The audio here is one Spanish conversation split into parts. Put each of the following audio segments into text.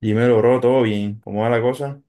Dímelo, bro, todo bien. ¿Cómo va la cosa?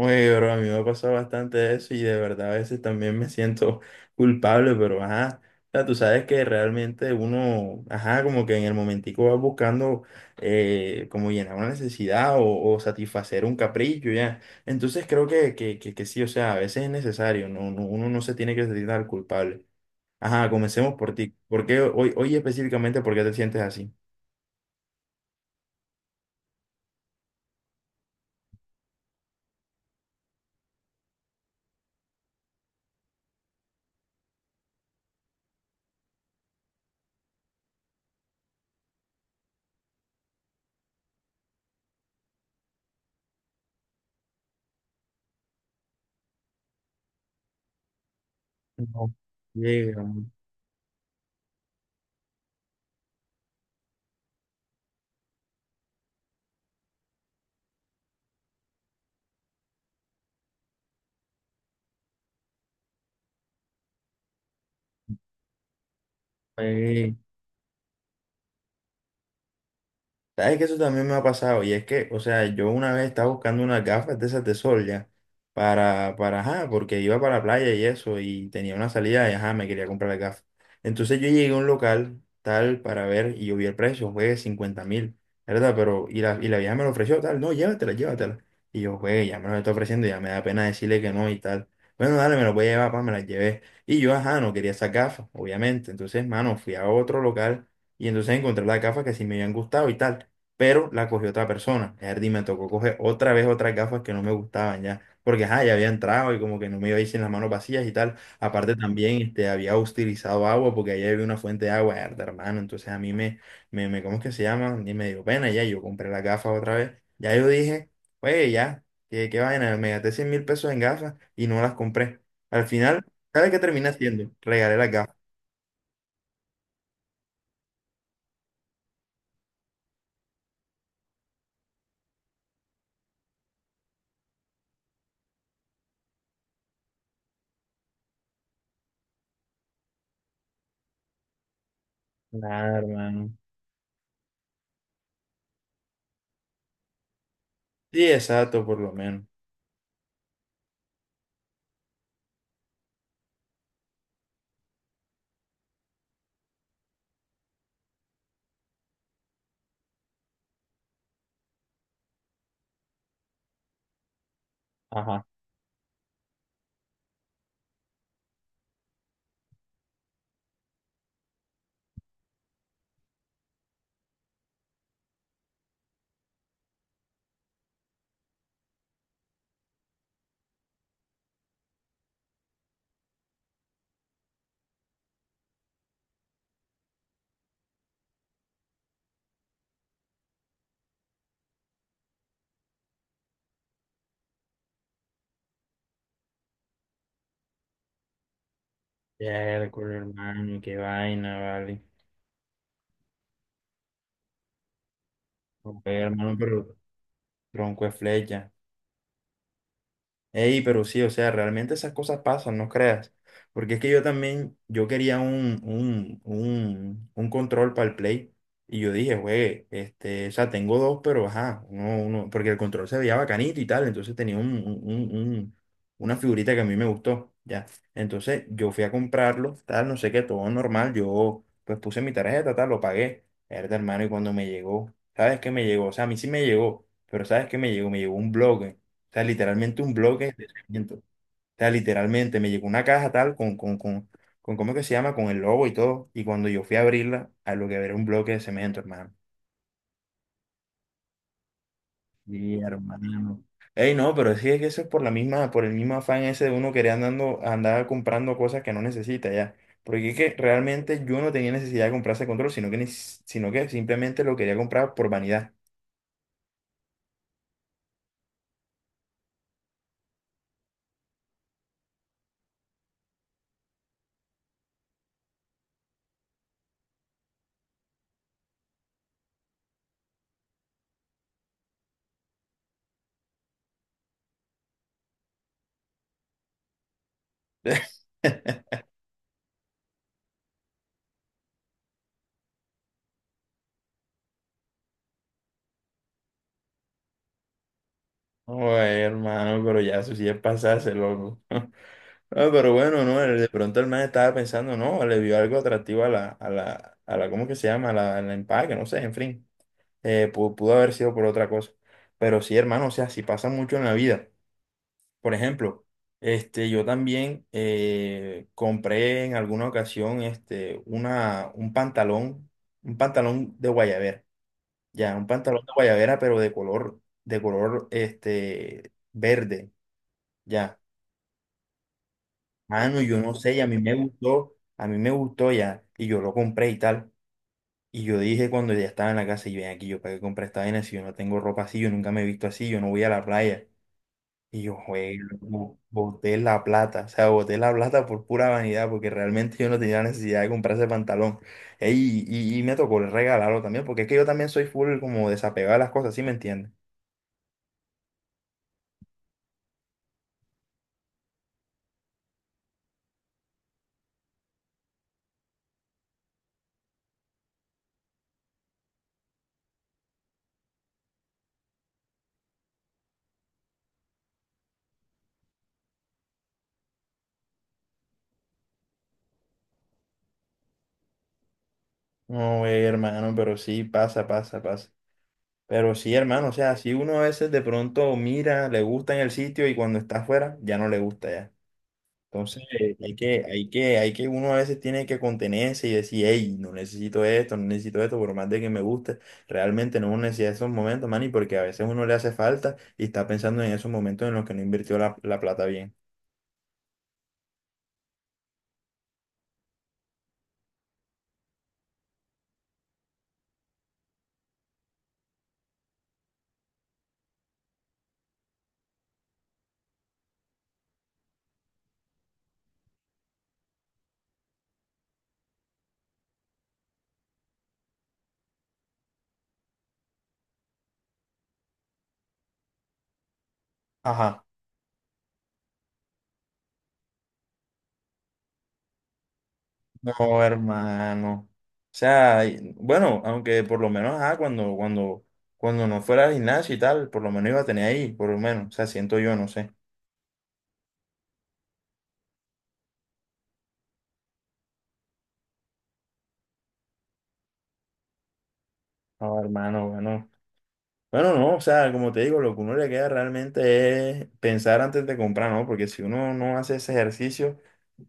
Oye, bro, a mí me ha pasado bastante eso y de verdad a veces también me siento culpable, pero ajá. O sea, tú sabes que realmente uno, ajá, como que en el momentico va buscando como llenar una necesidad o satisfacer un capricho, ya. Entonces creo que sí, o sea, a veces es necesario, no, uno no se tiene que sentir tan culpable. Ajá, comencemos por ti. ¿Por qué hoy específicamente, por qué te sientes así? No, llega. Sabes que eso también me ha pasado y es que, o sea, yo una vez estaba buscando unas gafas de esas de sol ya para, ajá, porque iba para la playa y eso y tenía una salida y ajá, me quería comprar las gafas. Entonces yo llegué a un local tal para ver y yo vi el precio, fue 50.000, ¿verdad? Pero, y la vieja me lo ofreció tal, no, llévatela, llévatela. Y yo, güey, ya me lo está ofreciendo, ya me da pena decirle que no y tal. Bueno, dale, me lo voy a llevar, pa, me las llevé. Y yo, ajá, no quería esas gafas, obviamente. Entonces, mano, fui a otro local y entonces encontré las gafas que sí me habían gustado y tal, pero la cogió otra persona. Erdi me tocó coger otra vez otras gafas que no me gustaban ya, porque ajá, ya había entrado y como que no me iba a ir sin las manos vacías y tal. Aparte también este, había utilizado agua porque allá había una fuente de agua, erda, hermano, entonces a mí me, ¿cómo es que se llama? Y me dio pena ya, yo compré las gafas otra vez. Ya yo dije, oye, ya, qué vaina, me gasté 100.000 pesos en gafas y no las compré. Al final, ¿sabes qué terminé haciendo? Regalé las gafas. Nada, hermano. Sí, exacto, por lo menos. Ajá. Ya, el hermano, qué vaina, vale. Joder, hermano, pero tronco de flecha. Ey, pero sí, o sea, realmente esas cosas pasan, no creas. Porque es que yo también, yo quería un control para el Play. Y yo dije, güey, este, o sea, tengo dos, pero ajá, uno, porque el control se veía bacanito y tal. Entonces tenía una figurita que a mí me gustó, ya. Entonces yo fui a comprarlo, tal, no sé qué, todo normal. Yo, pues puse mi tarjeta, tal, lo pagué. Era hermano, y cuando me llegó, ¿sabes qué me llegó? O sea, a mí sí me llegó, pero ¿sabes qué me llegó? Me llegó un blog. O sea, literalmente un bloque de cemento. O sea, literalmente me llegó una caja tal con, ¿cómo es que se llama? Con el logo y todo. Y cuando yo fui a abrirla, a lo que era un bloque de cemento, hermano. Y hermano. Ey, no, pero sí es que eso es por la misma, por el mismo afán ese de uno querer andando, andar comprando cosas que no necesita ya. Porque es que realmente yo no tenía necesidad de comprar ese control, sino que, sino que simplemente lo quería comprar por vanidad. Oye, hermano, pero ya eso sí es pasarse, loco. Ah, pero bueno, no, de pronto el man estaba pensando, no, le vio algo atractivo a la, ¿cómo que se llama? A la, al empaque, no sé, en fin, pudo haber sido por otra cosa. Pero sí, hermano, o sea, sí pasa mucho en la vida. Por ejemplo, este, yo también compré en alguna ocasión este, un pantalón de guayabera, ya, un pantalón de guayabera, pero de color, este, verde. Ya. Mano, yo no sé, y a mí me gustó, a mí me gustó ya, y yo lo compré y tal. Y yo dije cuando ya estaba en la casa, y ven aquí, yo para qué compré esta vaina si yo no tengo ropa así, yo nunca me he visto así, yo no voy a la playa. Y yo, juego, boté la plata, o sea, boté la plata por pura vanidad, porque realmente yo no tenía necesidad de comprar ese pantalón. Ey, y me tocó regalarlo también, porque es que yo también soy full como desapegado a las cosas, ¿sí me entiendes? No, güey, hermano, pero sí, pasa, pasa, pasa. Pero sí, hermano, o sea, si uno a veces de pronto mira, le gusta en el sitio y cuando está afuera ya no le gusta ya. Entonces, hay uno a veces tiene que contenerse y decir, hey, no necesito esto, no necesito esto, por más de que me guste, realmente no necesita esos momentos, man, y porque a veces uno le hace falta y está pensando en esos momentos en los que no invirtió la plata bien. Ajá. No, hermano. O sea, bueno, aunque por lo menos, ah, cuando no fuera al gimnasio y tal, por lo menos iba a tener ahí, por lo menos. O sea, siento yo, no sé. No, hermano, bueno. Bueno, no, o sea, como te digo, lo que uno le queda realmente es pensar antes de comprar, ¿no? Porque si uno no hace ese ejercicio,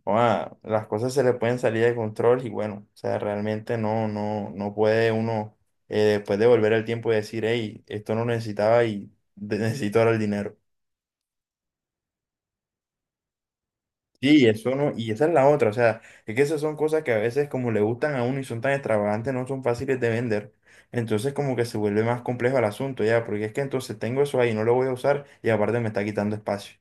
ah, las cosas se le pueden salir de control y bueno, o sea, realmente no puede uno después de volver al tiempo y decir, hey, esto no lo necesitaba necesito ahora el dinero. Sí, eso no, y esa es la otra, o sea, es que esas son cosas que a veces como le gustan a uno y son tan extravagantes, no son fáciles de vender. Entonces como que se vuelve más complejo el asunto, ya, porque es que entonces tengo eso ahí, no lo voy a usar y aparte me está quitando espacio.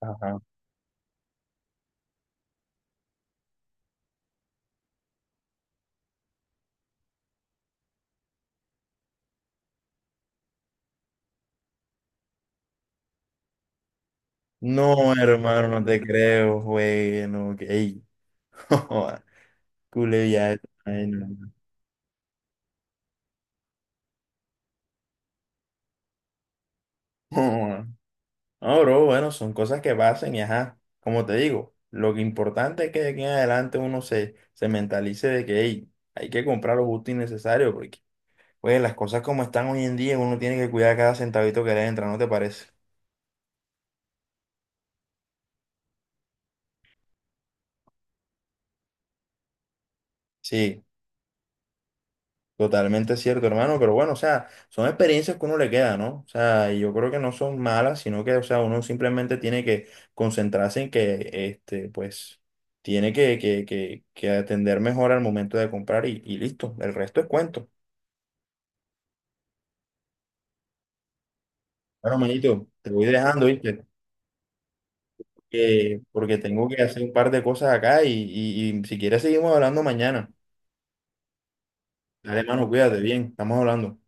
Ajá. No, hermano, no te creo, güey, no, que, ey, joda, culé ya, ay, no, joda. No, bro, bueno, son cosas que pasan y ajá, como te digo, lo que importante es que de aquí en adelante uno se, se mentalice de que, ey, hay que comprar lo justo y necesario, porque pues las cosas como están hoy en día, uno tiene que cuidar cada centavito que le entra, ¿no te parece? Sí, totalmente cierto, hermano, pero bueno, o sea, son experiencias que uno le queda, ¿no? O sea, y yo creo que no son malas, sino que, o sea, uno simplemente tiene que concentrarse en que, este, pues, tiene que atender mejor al momento de comprar y listo, el resto es cuento. Bueno, manito, te voy dejando, ¿viste? Porque tengo que hacer un par de cosas acá y si quieres seguimos hablando mañana. Dale, hermano, cuídate bien, estamos hablando.